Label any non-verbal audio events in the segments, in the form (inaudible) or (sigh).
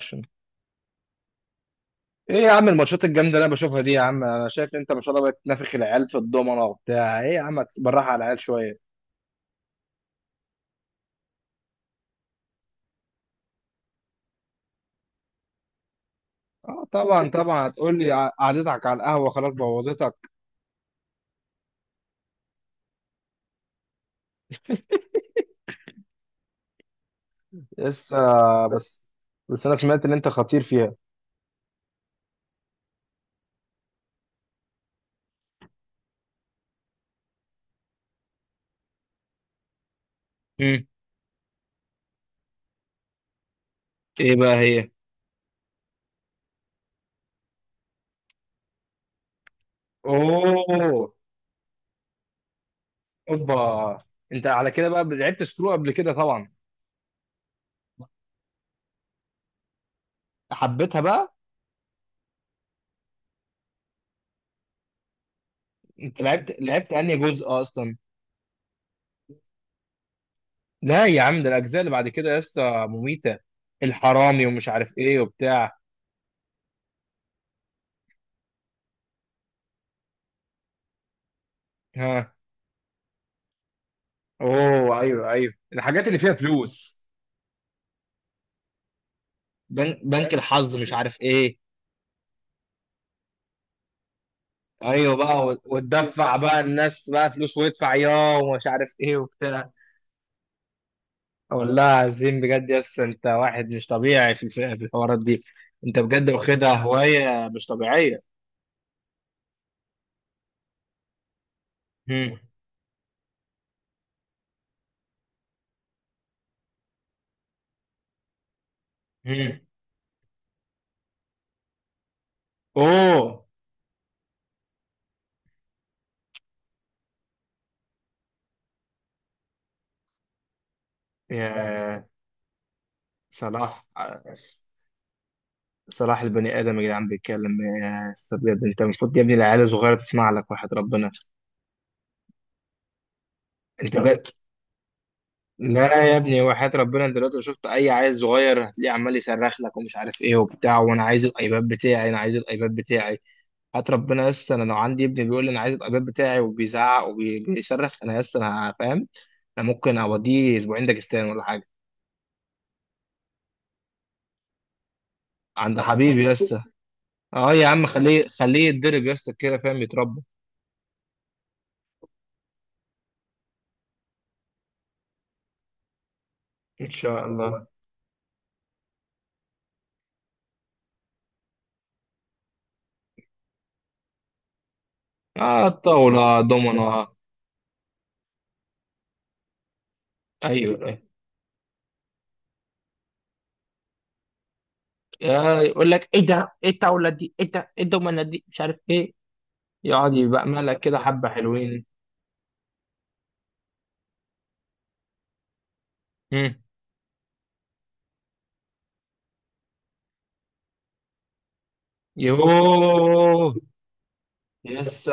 اكشن. ايه يا عم الماتشات الجامده اللي انا بشوفها دي يا عم؟ انا شايف ان انت ما شاء الله بتنافخ العيال في الضمنه وبتاع. ايه يا عم، بالراحه على العيال شويه. اه طبعا طبعا، هتقول لي ع- قعدتك على القهوه خلاص بوظتك. لسه. بس. بس انا سمعت ان انت خطير فيها. امم ايه بقى هي؟ اوه، اوبا، انت على كده بقى لعبت سكرو قبل كده طبعا. حبيتها بقى. انت لعبت انهي جزء اصلا؟ لا يا عم، ده الاجزاء اللي بعد كده لسه مميته، الحرامي ومش عارف ايه وبتاع. ها، اوه ايوه ايوه، الحاجات اللي فيها فلوس. بنك الحظ مش عارف ايه. ايوه بقى، و- وتدفع بقى الناس بقى فلوس ويدفع ياه ومش عارف ايه وبتاع. والله عظيم بجد، يس، انت واحد مش طبيعي في الف- في الحوارات دي. انت بجد واخدها هوايه مش طبيعيه. هم. هم. اوه. يا صلاح، صلاح، البني ادم يا جدعان بيتكلم يا استاذ، بجد انت المفروض يا ابني العيال الصغيره تسمع لك وحياه ربنا. انت. لا يا ابني وحياة ربنا، انت دلوقتي لو شفت اي عيل صغير هتلاقيه عمال يصرخ لك ومش عارف ايه وبتاع، وانا عايز الايباد بتاعي، انا عايز الايباد بتاعي. هات ربنا يس، انا لو عندي ابني بيقول لي انا عايز الايباد بتاعي وبيزعق وبيصرخ، انا يس، انا فاهم. انا ممكن اوديه اسبوعين داجستان ولا حاجه. عند حبيبي يس. اه يا عم، خليه خليه يتدرب يس كده، فاهم، يتربى. ان شاء الله. اه، الطاوله، دومنا. ايوه، آه، يقول لك ايه ده؟ ايه الطاوله دي؟ ايه ده؟ ايه الدومنه دي؟ مش عارف ايه. يقعد يبقملك كده حبة حلوين. مم. يوه. لسه.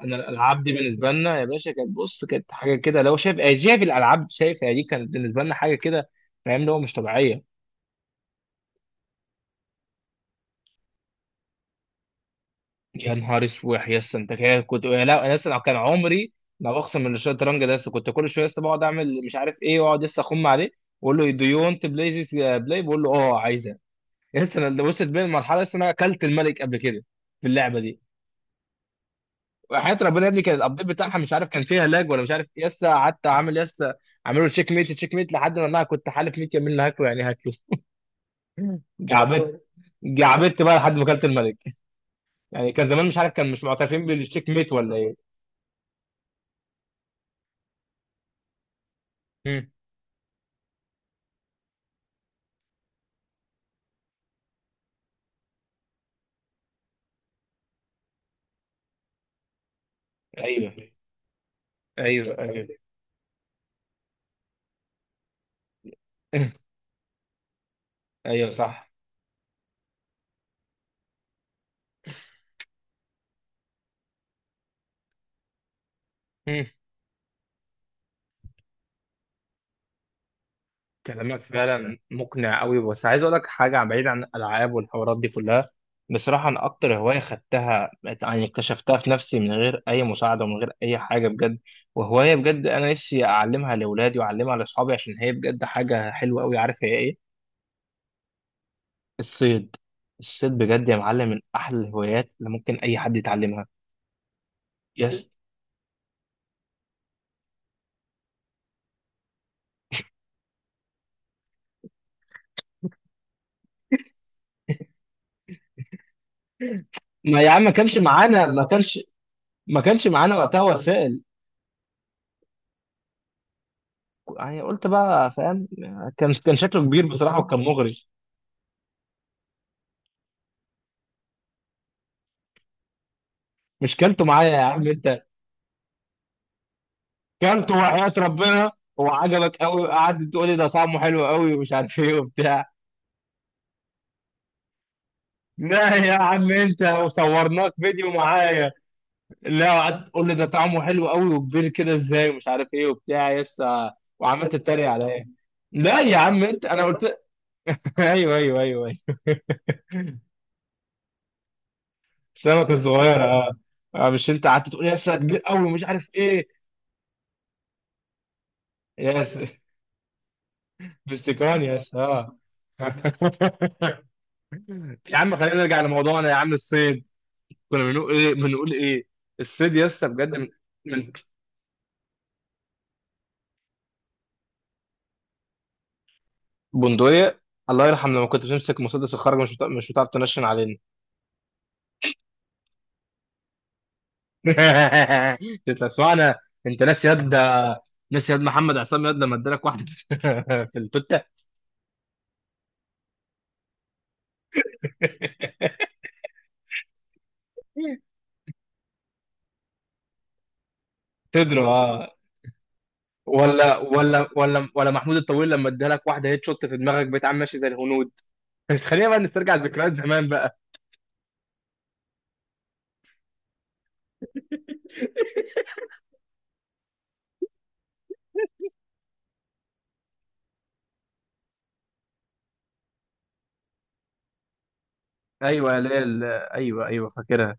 انا الالعاب دي بالنسبه لنا يا باشا كانت، بص، كانت حاجه كده، لو شايف آه، شايف الالعاب، شايف، يعني دي كانت بالنسبه لنا حاجه كده، فاهم، اللي هو مش طبيعيه. يا نهار اسوح يا اسطى، انت كده كنت؟ يا لا، انا لسه لو كان عمري، لو اقسم من الشطرنج ده لسه كنت كل شويه لسه بقعد اعمل مش عارف ايه واقعد لسه اخم عليه، واقول له دو يو ونت بلاي ذيس، بلاي، بقول له اه عايزه. لسه انا وصلت بين المرحله، لسه انا اكلت الملك قبل كده في اللعبه دي. وحياة ربنا يا ابني، كان الابديت بتاعها مش عارف كان فيها لاج ولا مش عارف ايه، لسه قعدت عامل لسه عامله تشيك ميت تشيك ميت، لحد ما انا كنت حالف 100 يمين لا هاكله يعني هاكله. جعبت، جعبت بقى لحد ما كلت الملك. يعني كان زمان مش عارف كان مش معترفين بالتشيك ميت ولا ايه. مم. ايوه ايوه ايوه. (laughs) ايوه صح. كلامك فعلا مقنع قوي، بس عايز اقول لك حاجه بعيد عن الالعاب والحوارات دي كلها. بصراحه انا اكتر هوايه خدتها، يعني اكتشفتها في نفسي من غير اي مساعده ومن غير اي حاجه بجد، وهوايه بجد انا نفسي اعلمها لاولادي واعلمها لاصحابي عشان هي بجد حاجه حلوه قوي. عارف هي ايه؟ الصيد. الصيد بجد يا معلم من احلى الهوايات اللي ممكن اي حد يتعلمها. يس. ما يا عم، ما كانش معانا، ما كانش، ما كانش معانا وقتها وسائل. يعني قلت بقى، فاهم. كان، كان شكله كبير بصراحه وكان مغري. مش كلته معايا يا عم انت؟ كلته وحياة ربنا وعجبك قوي، قعدت تقول لي ده طعمه حلو قوي ومش عارف ايه وبتاع. لا يا عم انت، وصورناك فيديو معايا. لا، وقعدت تقول لي ده طعمه حلو قوي وكبير كده ازاي ومش عارف ايه وبتاع، يسا. وعملت تتريق عليا. لا يا عم انت، انا قلت. (laughs) ايوه ايوه ايوه ايوه. السمكه الصغيره، اه. اه، مش انت قعدت تقول يا اسطى كبير قوي ومش عارف ايه؟ يس. (laughs) باستيكان يس، اه. (laughs) يا عم خلينا نرجع لموضوعنا يا عم، الصيد. كنا بنقول ايه؟ بنقول ايه؟ الصيد يا اسطى بجد من، من. بندقية. الله يرحم، لما كنت بتمسك مسدس الخرج مش بتع- مش بتعرف تنشن علينا. (laughs) انت سمعنا. انت ناس يد، ناس يد محمد عصام يد لما ادالك واحده (laughs) في التوته. تدرو اه. ولا ولا ولا ولا محمود الطويل لما ادالك واحده هيت شوت في دماغك بقيت عم ماشي زي الهنود. (laughs) خلينا بقى نسترجع ذكريات زمان بقى. ايوه يا ليل، ايوه ايوه فاكرها.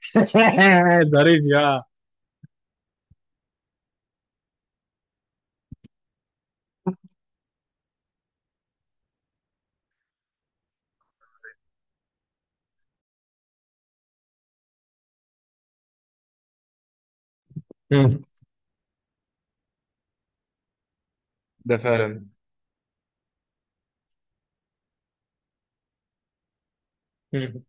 (laughs) ظريف يا. مم. ده فعلا. مم.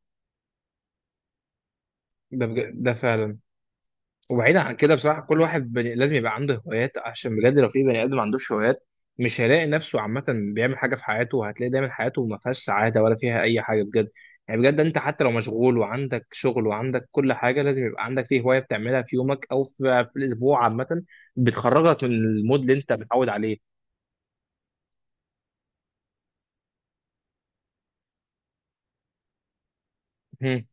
ده بج... ده فعلا. وبعيدا عن كده بصراحه كل واحد بني... لازم يبقى عنده هوايات، عشان بجد لو في بني ادم ما عندوش هوايات مش هيلاقي نفسه عامه بيعمل حاجه في حياته، وهتلاقي دايما حياته ما فيهاش سعاده ولا فيها اي حاجه بجد. يعني بجد انت حتى لو مشغول وعندك شغل وعندك كل حاجه، لازم يبقى عندك فيه هوايه بتعملها في يومك او في الاسبوع عامه، بتخرجك من المود اللي انت متعود عليه. مم.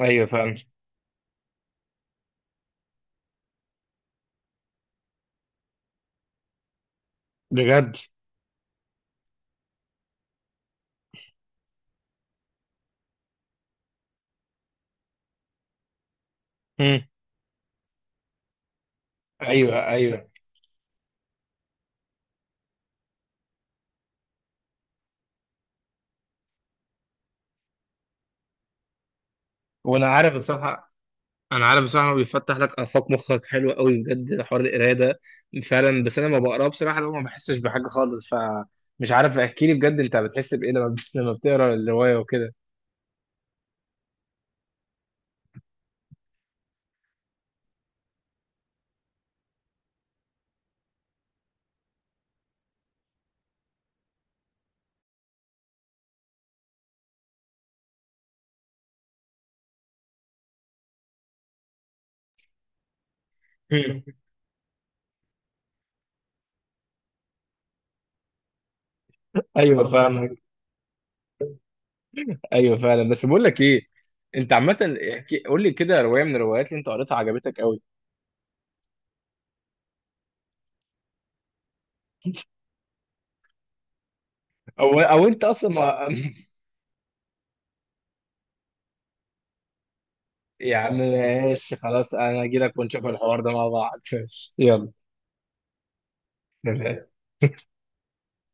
ايوه فعلا. بجد. مم. ايوه ايوه. وانا عارف الصراحه. انا عارف بصراحه هو بيفتح لك افاق مخك حلوه قوي بجد حوار القرايه ده فعلا، بس انا ما بقراه بصراحه لو ما بحسش بحاجه خالص، فمش عارف، احكي لي بجد انت بتحس بايه لما (laughs) لما بتقرا الروايه وكده. (laughs) ايوه فاهمك. ايوه فعلا. بس بقول لك ايه، انت عامه، احكي قول لي كده روايه من الروايات اللي انت قريتها عجبتك قوي. او او انت اصلا ما. (laughs) يا عم ماشي خلاص، انا اجي لك ونشوف الحوار ده مع بعض ماشي. يلا.